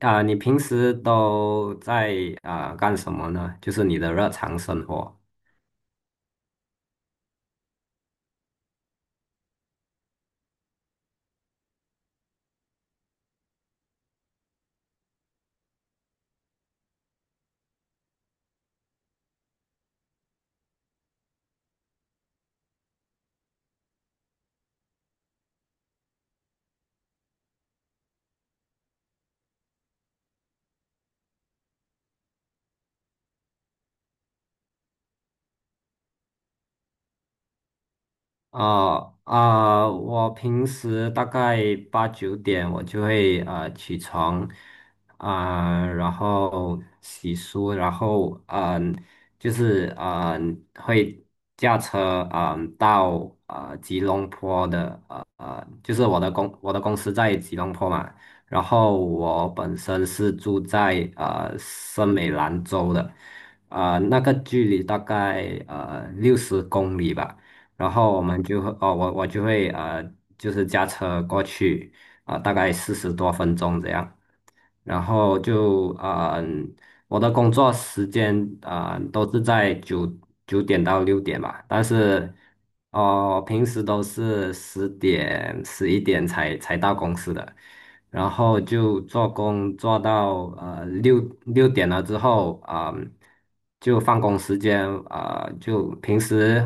你平时都在干什么呢？就是你的日常生活。我平时大概八九点我就会起床然后洗漱，然后就是会驾车到吉隆坡的就是我的公司在吉隆坡嘛。然后我本身是住在森美兰州的，那个距离大概60公里吧。然后我就会就是驾车过去大概40多分钟这样。然后就我的工作时间都是在9点到6点吧，但是平时都是10点11点才到公司的。然后就做工做到六点了之后就放工时间，就平时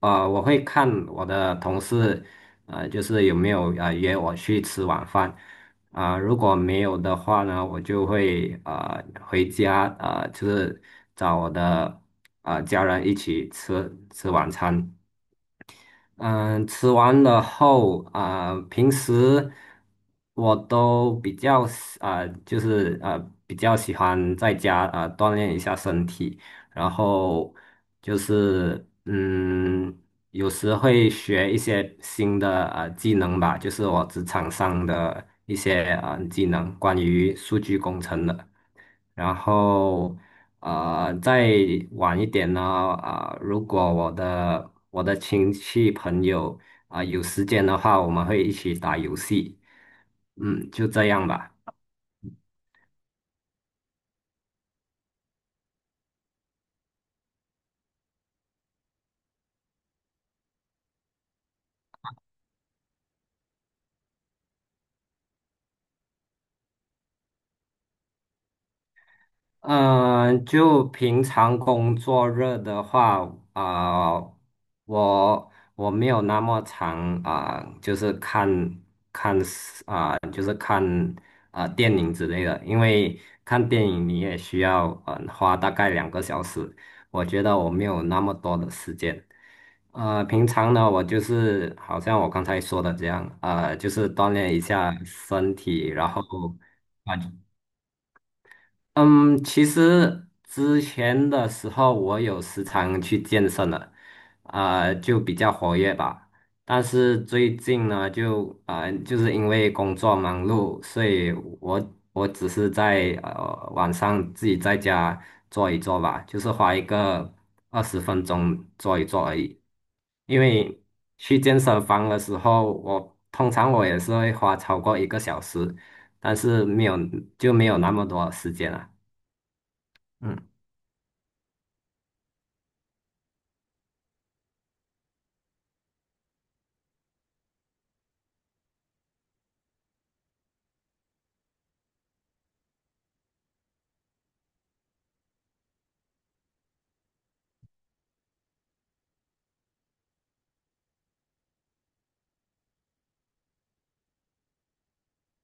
我会看我的同事就是有没有约我去吃晚饭。如果没有的话呢，我就会回家，就是找我的家人一起吃晚餐。嗯，吃完了后平时我都比较喜啊、比较喜欢在家锻炼一下身体。然后就是有时会学一些新的技能吧，就是我职场上的一些技能，关于数据工程的。然后再晚一点呢，如果我的亲戚朋友有时间的话，我们会一起打游戏。就这样吧。嗯、就平常工作日的话，啊、我没有那么长就是看电影之类的，因为看电影你也需要花大概2个小时，我觉得我没有那么多的时间。平常呢，我就是好像我刚才说的这样，就是锻炼一下身体。然后啊、嗯，其实之前的时候我有时常去健身了，就比较活跃吧。但是最近呢，就就是因为工作忙碌，所以我我只是在晚上自己在家做一做吧，就是花一个20分钟做一做而已。因为去健身房的时候，我通常也是会花超过一个小时，但是没有那么多时间了。嗯，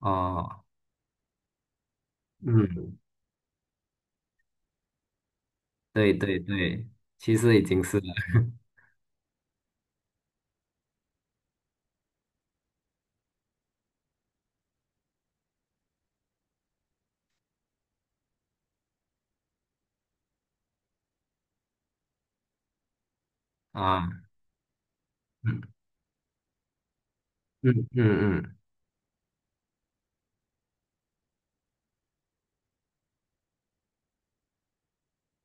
哦，嗯，对对对，其实已经是了啊。嗯嗯嗯嗯。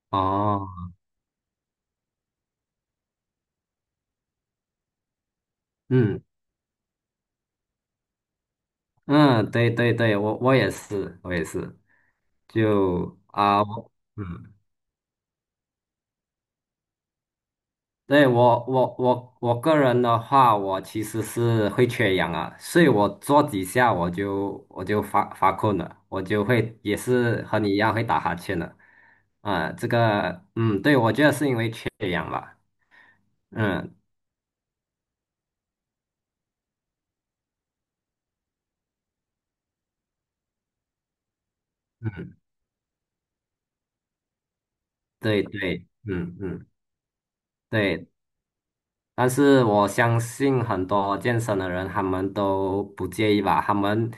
哦。嗯嗯。对对对，我也是，我也是，就啊，我嗯，对，我个人的话，我其实是会缺氧啊，所以我做几下我就发困了，我就会也是和你一样会打哈欠的。对，我觉得是因为缺氧吧。嗯嗯。对对，嗯嗯，对。但是我相信很多健身的人，他们都不介意吧？他们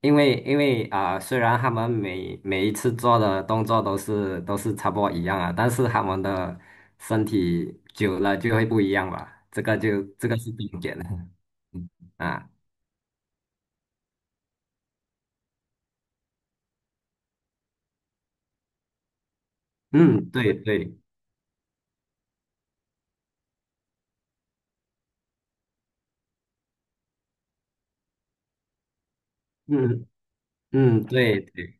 因为虽然他们每一次做的动作都是差不多一样啊，但是他们的身体久了就会不一样吧？这个就这个是重点的。 啊，嗯，对对，嗯嗯，对对。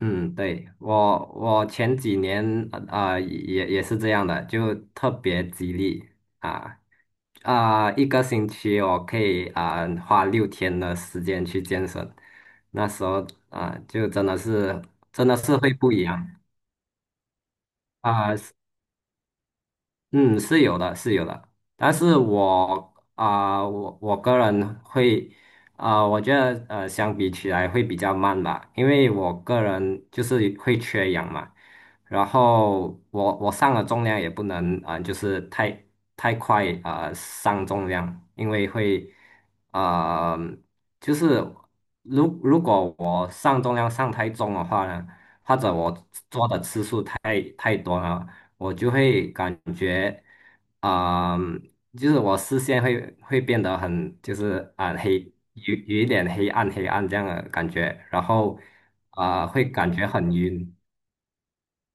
嗯，对，我前几年也是这样的，就特别激励。啊一个星期我可以花6天的时间去健身。那时候就真的是会不一样。啊、嗯，是有的，是有的。但是我个人会，我觉得相比起来会比较慢吧，因为我个人就是会缺氧嘛。然后我上了重量也不能就是太快上重量，因为会啊、就是如果我上重量上太重的话呢，或者我做的次数太多了。我就会感觉，啊、就是我视线会变得很，就是黑，有一点黑暗这样的感觉，然后会感觉很晕。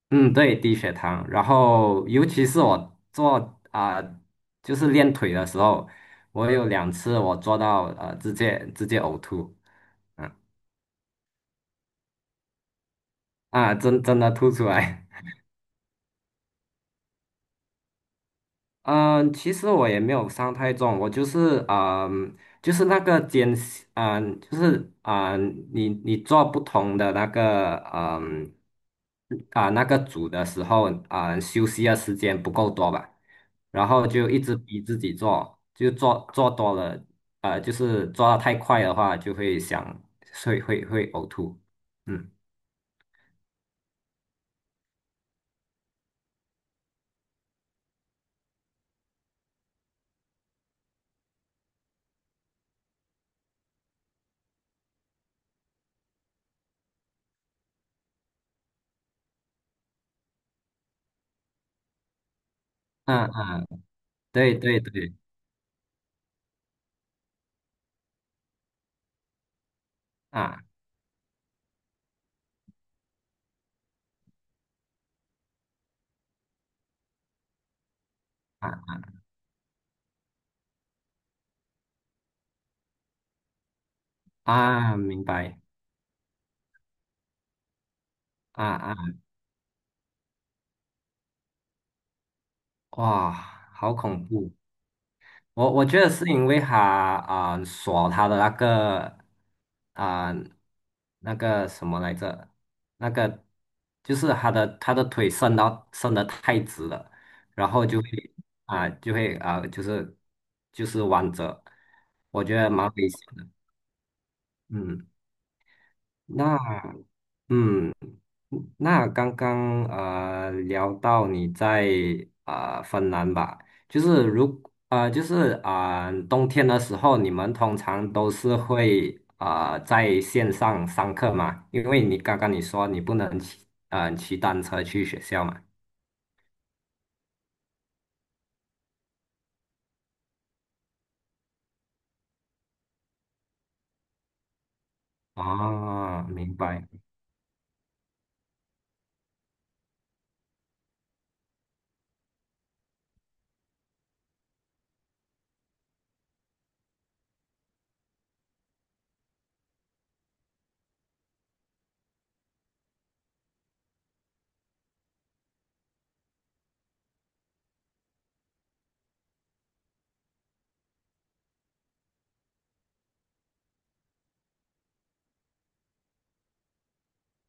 嗯，对，低血糖。然后尤其是我做就是练腿的时候，我有2次我做到直接呕吐。啊真的吐出来。嗯，其实我也没有伤太重，我就是就是那个肩，就是你做不同的那个那个组的时候，休息的时间不够多吧，然后就一直逼自己做，就做多了。就是做的太快的话，就会想会会会呕吐。嗯嗯嗯。对对对。啊啊明白。啊啊。哇，好恐怖！我觉得是因为他锁他的那个，啊、那个什么来着，那个就是他的腿伸得太直了，然后就会就是弯折。我觉得蛮危险的。嗯。那。嗯，那刚刚聊到你在芬兰吧，就是如呃就是啊、呃冬天的时候，你们通常都是会在线上上课嘛？因为你刚刚你说你不能骑单车去学校嘛。哦，明白。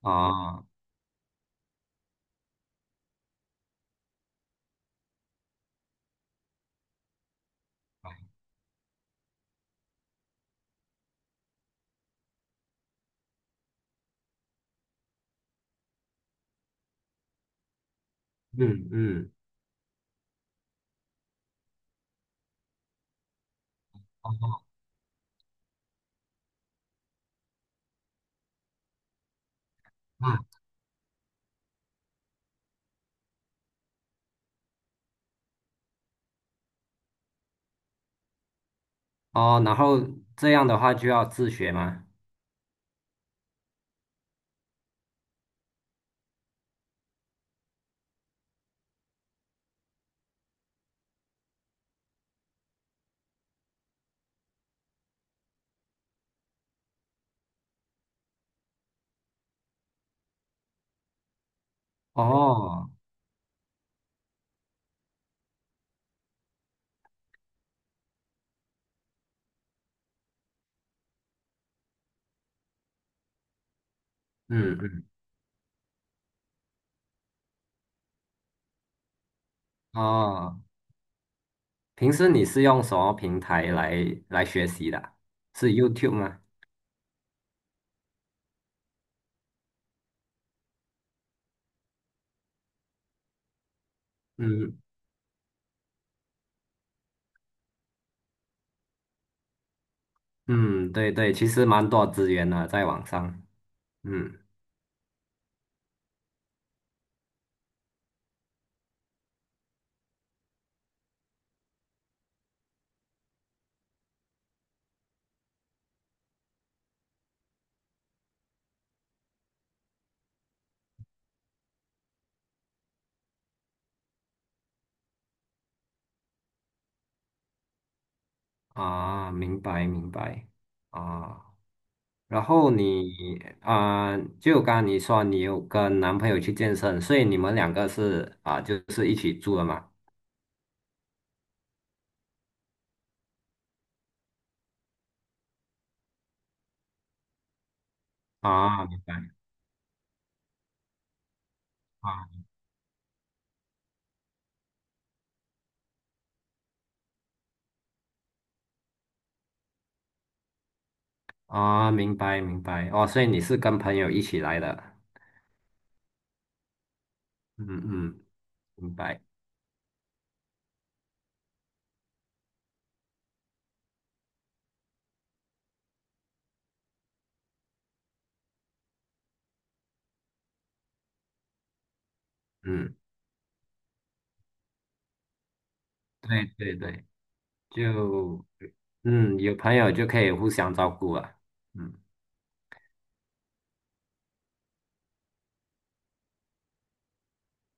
哦，嗯嗯。哦啊哦，然后这样的话就要自学吗？哦，嗯嗯，哦。平时你是用什么平台来学习的啊？是 YouTube 吗？嗯嗯，对对，其实蛮多资源的，在网上。嗯明白明白啊。然后你啊，就刚刚你说你有跟男朋友去健身，所以你们两个是啊，就是一起住的嘛？啊明白明白哦，所以你是跟朋友一起来的。嗯嗯，明白。嗯，对对对。就。嗯，有朋友就可以互相照顾了。嗯，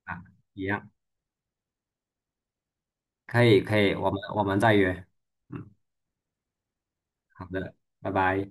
啊，一样，可以，可以，我们再约。嗯，好的，拜拜。